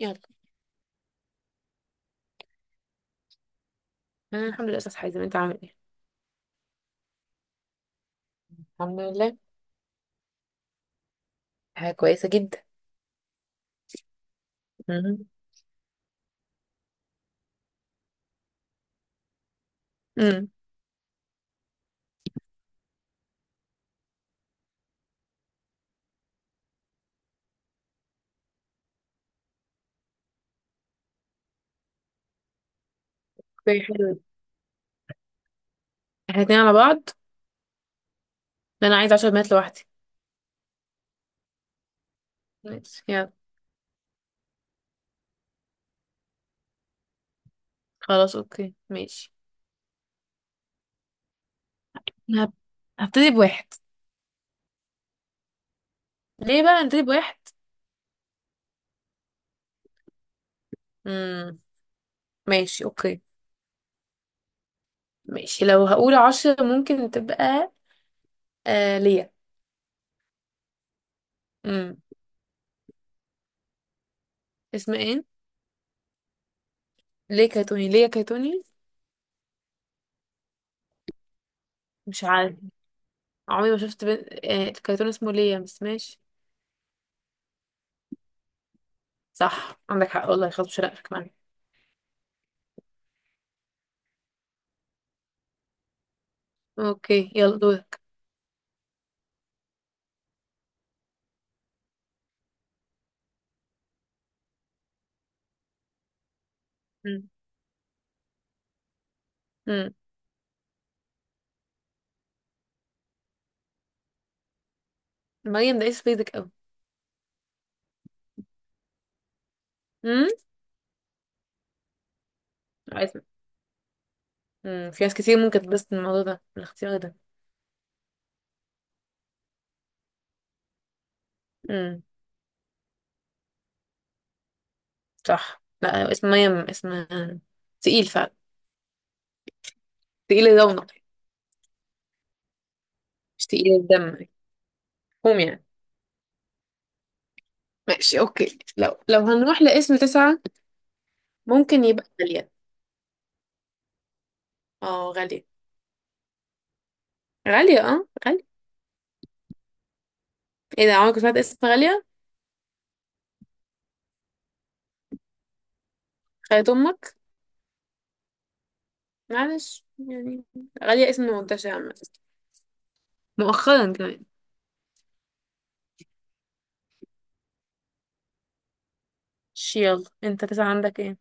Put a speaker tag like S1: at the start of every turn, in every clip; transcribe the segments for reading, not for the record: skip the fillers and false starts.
S1: يلا. انا الحمد لله استاذ حازم، انت عامل ايه؟ الحمد لله. حاجة كويسة جدا. مهم. امم. اوكي، حلو ده. احنا اتنين على بعض؟ انا عايزه 10 بنات لوحدي. ماشي يلا. خلاص اوكي ماشي. هب- هبتدي بواحد. ليه بقى هبتدي بواحد؟ امم. ماشي اوكي. ماشي، لو هقول 10 ممكن تبقى ليا. امم. اسمها ايه؟ ليه كرتوني؟ ليا كرتوني؟ مش عارف. عمري ما شفت بنت آه كرتون اسمه ليا، بس ماشي. صح، عندك حق والله. خلاص مش هرقك معايا. اوكي يلا دورك. امم، مريم ده اسم بيزك قوي. امم. اسم. امم، في ناس كتير ممكن تتبسط من الموضوع ده، من الاختيار ده. امم. صح، لا اسم مريم اسم تقيل فعلا. تقيل الرونق، مش تقيل الدم. هم يعني. ماشي اوكي. لو هنروح لاسم تسعة، ممكن يبقى غالية. اه غالية. غالية. اه غالية. ايه ده، عمرك ما سمعت اسم غالية؟ خالة امك. معلش يعني. غالية اسم منتشر عامة، مؤخرا كمان. يلا، انت تسعة عندك ايه؟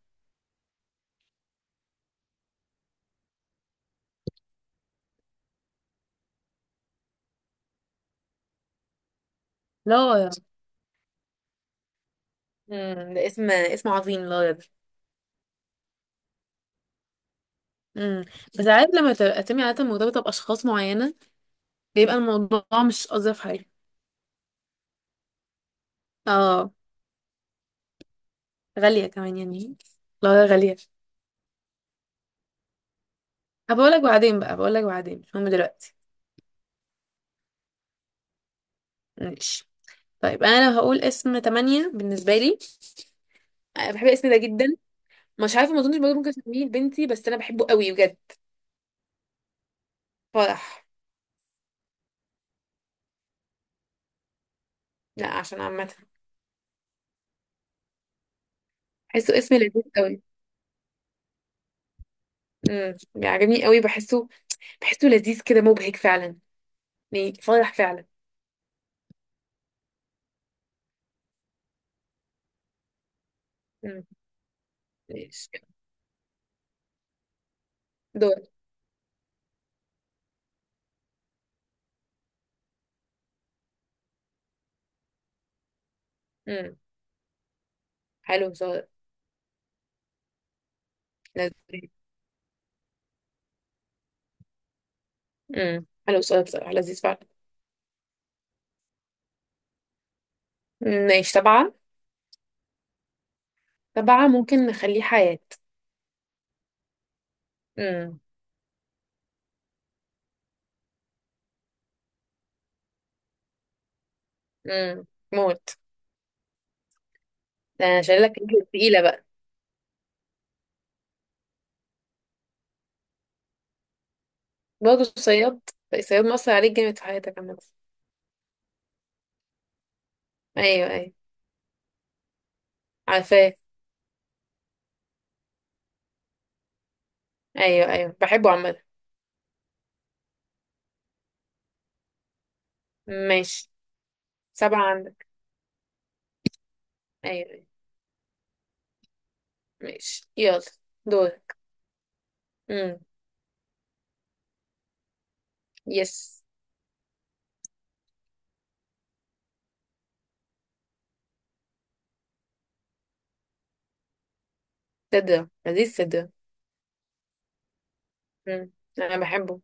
S1: لارا. امم، ده اسم، اسم عظيم لارا ده. امم. بس عارف لما تبقى اسامي عادة مرتبطة بأشخاص معينة، بيبقى الموضوع مش أظرف حاجة. اه. غالية كمان يعني. لا غالية. هبقولك بعدين بقى، بقولك بعدين، مش مهم دلوقتي. ماشي. طيب، أنا لو هقول اسم تمانية بالنسبة لي، أنا بحب الاسم ده جدا. مش عارفة، ما أظنش برضه ممكن أسميه لبنتي، بس أنا بحبه قوي بجد. فرح. لا عشان عامة. بحسه اسم لذيذ قوي. امم، بيعجبني قوي، بحسه، بحسه لذيذ كده، مبهج فعلا. يعني فرح فعلا. امم. ماشي. دول. امم. حلو. لذيذ. امم، حلو السؤال بصراحة، لذيذ فعلا. مم، ماشي. سبعة. سبعة ممكن نخليه حياة. امم. امم، موت. ده انا شايل لك رجل تقيلة بقى. برضه الصياد. الصياد مأثر عليك جامد في حياتك عامة. ايوه ايوه، عارفاه. ايوه ايوه، بحبه عامة. ماشي. سبعة عندك. ايوه أيوة. ماشي يلا. دورك. امم. يس. صدرة، لذيذ صدرة. امم، انا بحبه.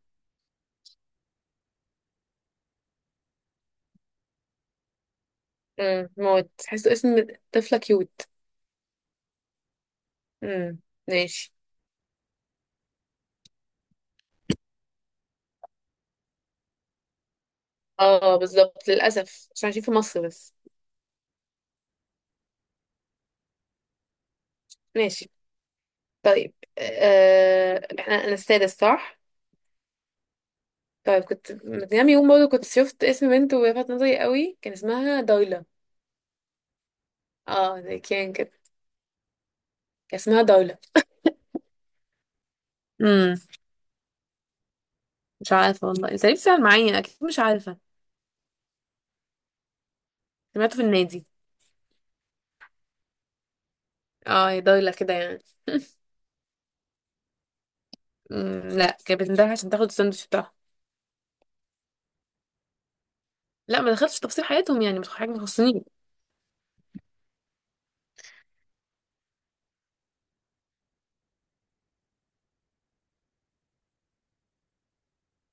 S1: امم، موت، تحسه اسم طفلة كيوت. امم. ماشي. اه بالظبط، للأسف عشان عايشين في مصر بس. ماشي. طيب آه، احنا انا السادس صح؟ طيب، كنت من كام يوم برضه كنت شفت اسم بنت ولفت نظري قوي، كان اسمها دولة. اه زي كان كده. كان اسمها دولة. امم. مش عارفه والله، انت ليه بتسال معايا؟ اكيد مش عارفه. سمعته في النادي. اه، هي دولة كده يعني. امم، لا كانت بتنده عشان تاخد الساندوتش بتاعها. لا، ما دخلتش في تفاصيل حياتهم يعني، مش حاجه ما تخصنيش.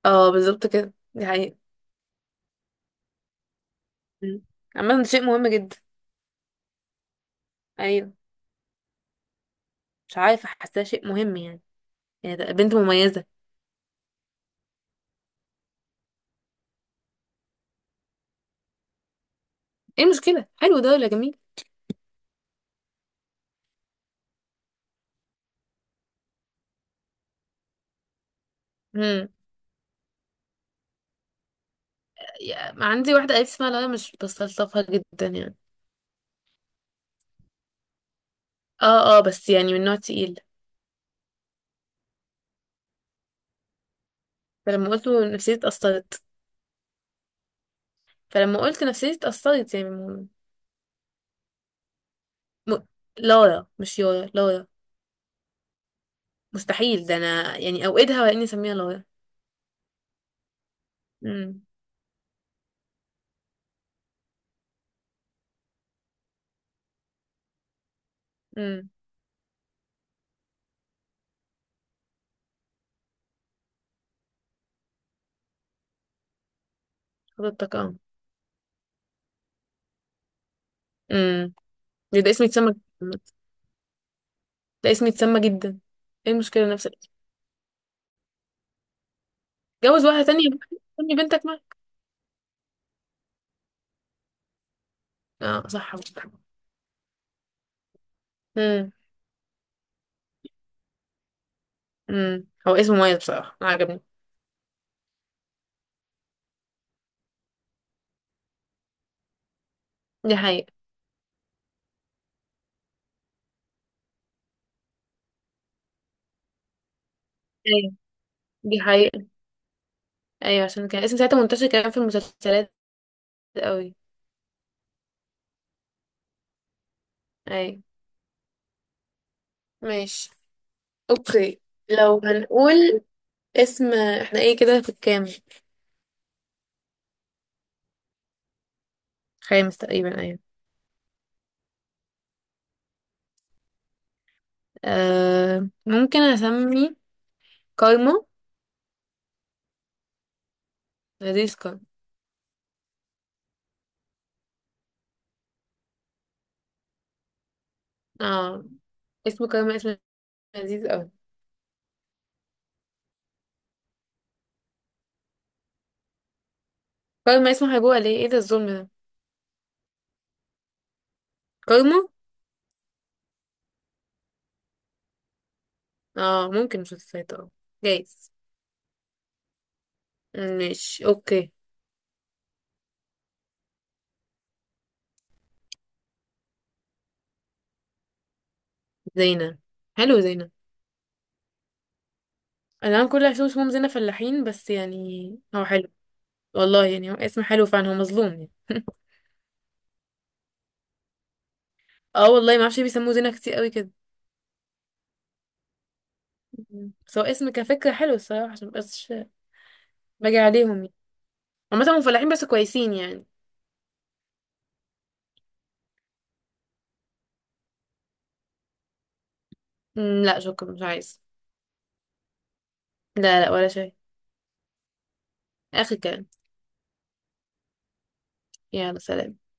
S1: اه بالظبط كده، دي حقيقه. مم. عامه ده شيء مهم جدا. يعني. مش عارفة، حاساه شيء مهم يعني. يعني ده بنت مميزة. ايه المشكلة، حلو ده ولا جميل؟ امم. عندي واحدة قريبتي اسمها، لا مش بستلطفها جدا يعني. اه اه، بس يعني من نوع تقيل. فلما قلت له نفسيتي اتأثرت. فلما قلت نفسيتي اتأثرت، يعني م... لارا مش يارا، لارا. مستحيل، ده انا يعني اوقدها ولا اني اسميها لارا. امم. امم. حضرتك اه. امم. ده اسم يتسمى جداً. ده اسم يتسمى جدا. ايه المشكلة، نفس الاسم. جوز واحدة تانية بقى، خلي بنتك معاك. اه صح. امم. امم، هو اسمه مميز بصراحة، أنا عجبني. دي حقيقة. ايوه، دي حقيقة. ايوه، عشان كان اسم ساعتها منتشر كمان في المسلسلات قوي. ايوه. ماشي اوكي. لو هنقول اسم، احنا ايه كده في الكام؟ خامس تقريبا، ايوه. ممكن اسمي كارما. لذيذ كارما. اه، اسم كارما اسم لذيذ قوي. كارما اسمه هيبقى ليه؟ ايه، إيه ده، الظلم ده كارما. اه ممكن مسلسلات، اه جايز. ماشي اوكي. زينة. حلو زينة. انا نعم، كل اللي حشوش هم زينة فلاحين، بس يعني هو حلو. والله يعني هو اسم حلو فعلا، هو مظلوم يعني. اه والله، ما اعرفش ليه بيسموه زينة كتير قوي كده. مم. بس هو اسم كفكرة حلو الصراحة، عشان مبقاش باجي عليهم يعني. عامة هم فلاحين بس كويسين يعني. مم، لا شكرا، مش عايز. لا لا، ولا شيء. اخر كلام. يلا سلام.